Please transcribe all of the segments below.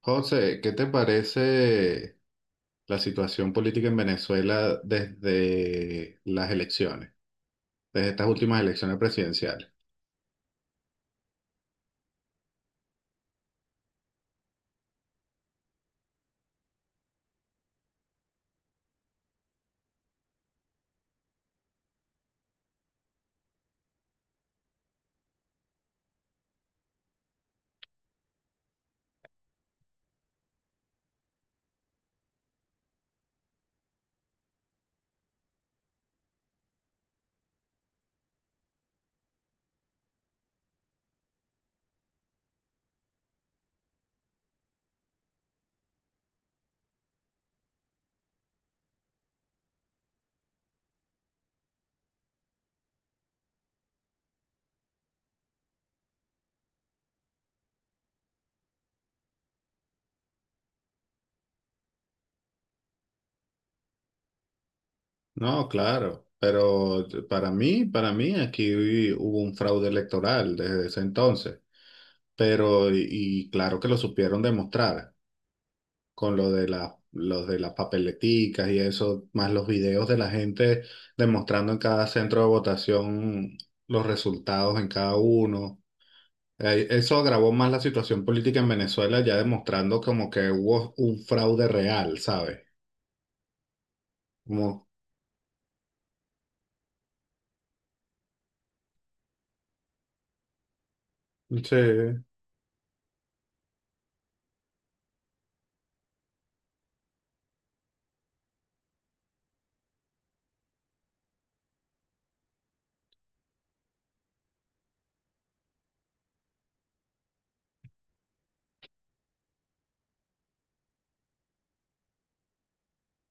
José, ¿qué te parece la situación política en Venezuela desde las elecciones, desde estas últimas elecciones presidenciales? No, claro, pero para mí aquí hubo un fraude electoral desde ese entonces, pero y claro que lo supieron demostrar con lo de los de las papeleticas y eso, más los videos de la gente demostrando en cada centro de votación los resultados en cada uno. Eso agravó más la situación política en Venezuela, ya demostrando como que hubo un fraude real, ¿sabes? Como, sí.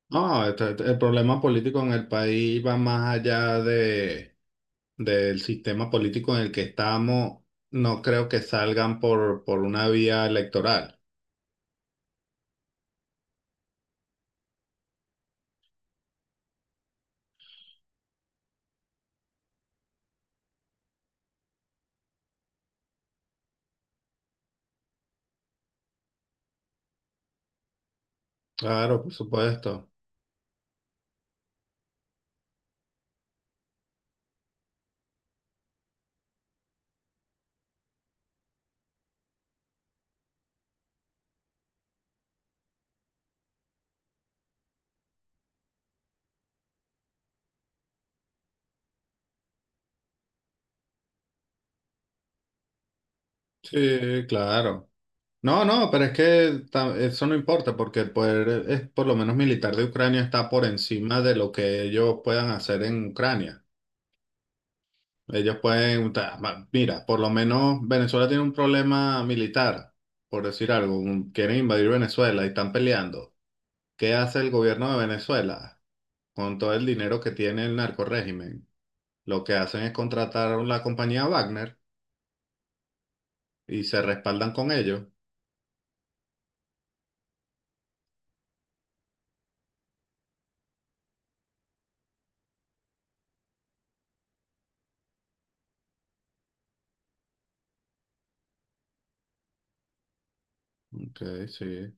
No, el problema político en el país va más allá del sistema político en el que estamos. No creo que salgan por una vía electoral. Claro, por supuesto. Sí, claro. No, no, pero es que eso no importa porque el poder, es, por lo menos militar de Ucrania, está por encima de lo que ellos puedan hacer en Ucrania. Ellos pueden, mira, por lo menos Venezuela tiene un problema militar, por decir algo, quieren invadir Venezuela y están peleando. ¿Qué hace el gobierno de Venezuela con todo el dinero que tiene el narcorrégimen? Lo que hacen es contratar a la compañía Wagner y se respaldan con ellos. Ok, sí.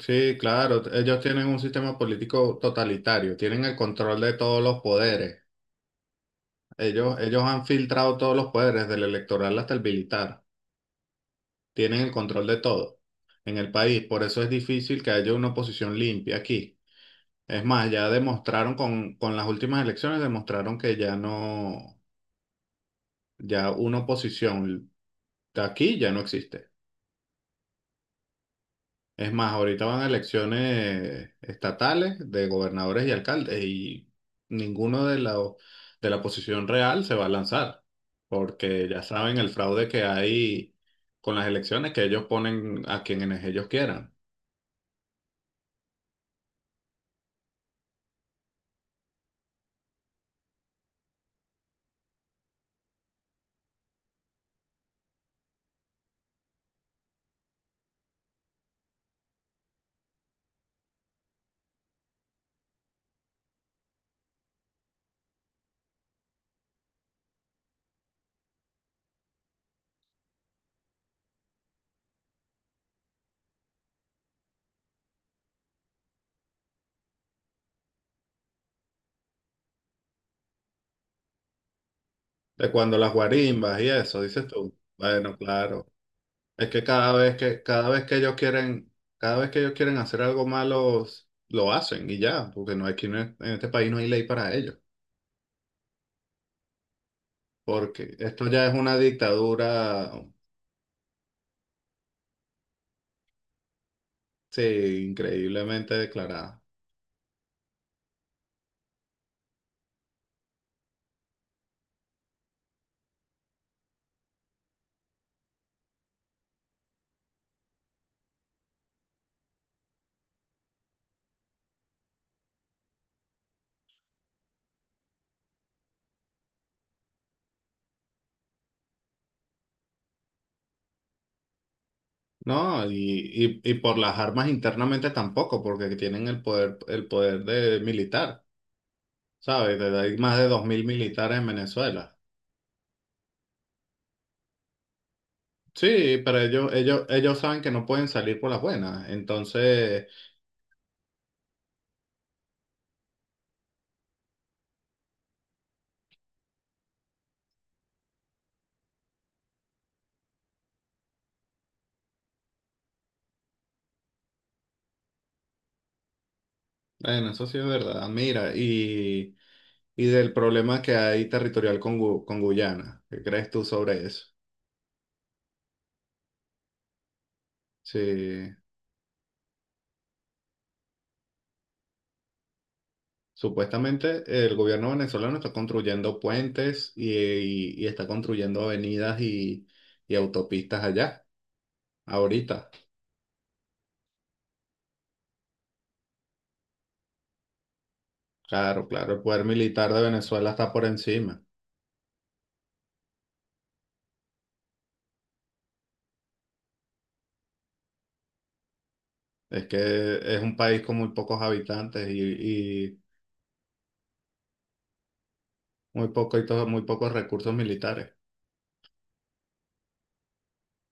Sí, claro, ellos tienen un sistema político totalitario, tienen el control de todos los poderes. Ellos han filtrado todos los poderes, del electoral hasta el militar. Tienen el control de todo en el país. Por eso es difícil que haya una oposición limpia aquí. Es más, ya demostraron con las últimas elecciones, demostraron que ya no, ya una oposición de aquí ya no existe. Es más, ahorita van a elecciones estatales de gobernadores y alcaldes y ninguno de la oposición real se va a lanzar, porque ya saben el fraude que hay con las elecciones, que ellos ponen a quienes ellos quieran. De cuando las guarimbas y eso, dices tú. Bueno, claro. Es que cada vez que, cada vez que ellos quieren, cada vez que ellos quieren hacer algo malo, s- lo hacen y ya, porque no hay, aquí no es- en este país no hay ley para ello. Porque esto ya es una dictadura. Sí, increíblemente declarada. No, y por las armas internamente tampoco, porque tienen el poder de militar, ¿sabes? De- Hay más de 2000 militares en Venezuela. Sí, pero ellos saben que no pueden salir por las buenas. Entonces, bueno, eso sí es verdad. Mira, y del problema que hay territorial con Guyana. ¿Qué crees tú sobre eso? Sí. Supuestamente el gobierno venezolano está construyendo puentes y está construyendo avenidas y autopistas allá, ahorita. Claro, claro, el poder militar de Venezuela está por encima. Es que es un país con muy pocos habitantes y muy poco, muy pocos recursos militares.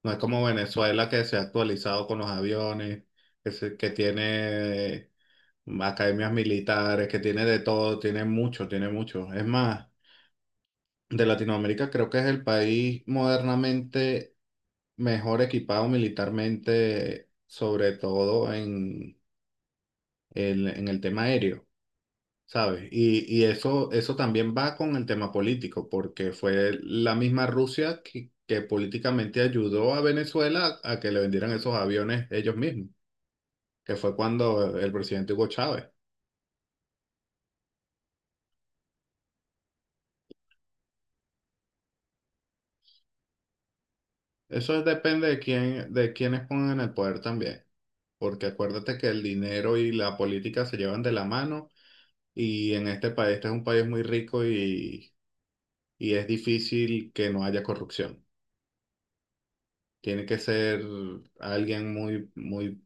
No es como Venezuela que se ha actualizado con los aviones, que, que tiene academias militares, que tiene de todo, tiene mucho, tiene mucho. Es más, de Latinoamérica creo que es el país modernamente mejor equipado militarmente, sobre todo en el tema aéreo, ¿sabes? Y eso, eso también va con el tema político, porque fue la misma Rusia que políticamente ayudó a Venezuela a que le vendieran esos aviones ellos mismos, que fue cuando el presidente Hugo Chávez. Eso depende de quiénes pongan en el poder también, porque acuérdate que el dinero y la política se llevan de la mano y en este país, este es un país muy rico y es difícil que no haya corrupción. Tiene que ser alguien muy, muy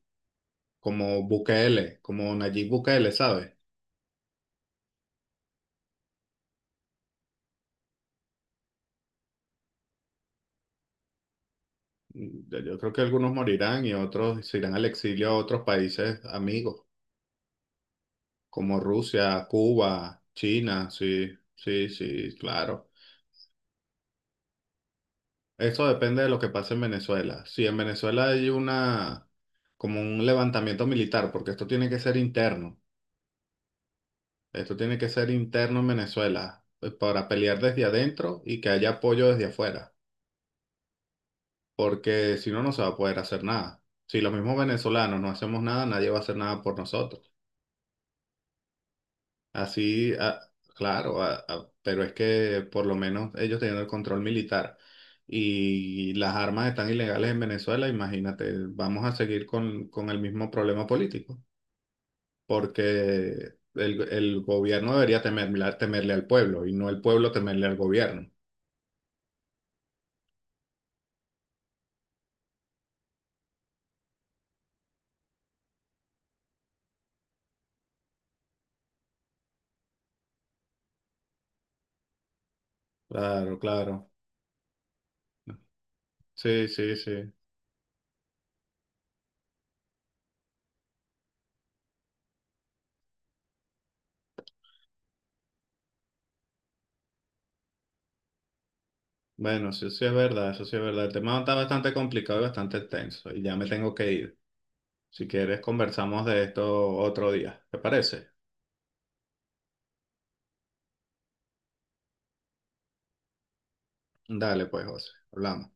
como Bukele, como Nayib Bukele, ¿sabes? Yo creo que algunos morirán y otros se irán al exilio a otros países amigos, como Rusia, Cuba, China, sí, sí, sí, claro. Eso depende de lo que pase en Venezuela. Si en Venezuela hay una, como un levantamiento militar, porque esto tiene que ser interno. Esto tiene que ser interno en Venezuela, para pelear desde adentro y que haya apoyo desde afuera, porque si no, no se va a poder hacer nada. Si los mismos venezolanos no hacemos nada, nadie va a hacer nada por nosotros. Así, claro, pero es que por lo menos ellos tienen el control militar y las armas están ilegales en Venezuela, imagínate, vamos a seguir con el mismo problema político, porque el gobierno debería temerle, temerle al pueblo y no el pueblo temerle al gobierno. Claro, claro, sí, sí, sí. Bueno, sí, sí es verdad, eso sí es verdad. El tema está bastante complicado y bastante extenso y ya me tengo que ir. Si quieres, conversamos de esto otro día, ¿te parece? Dale, pues, José, hablamos.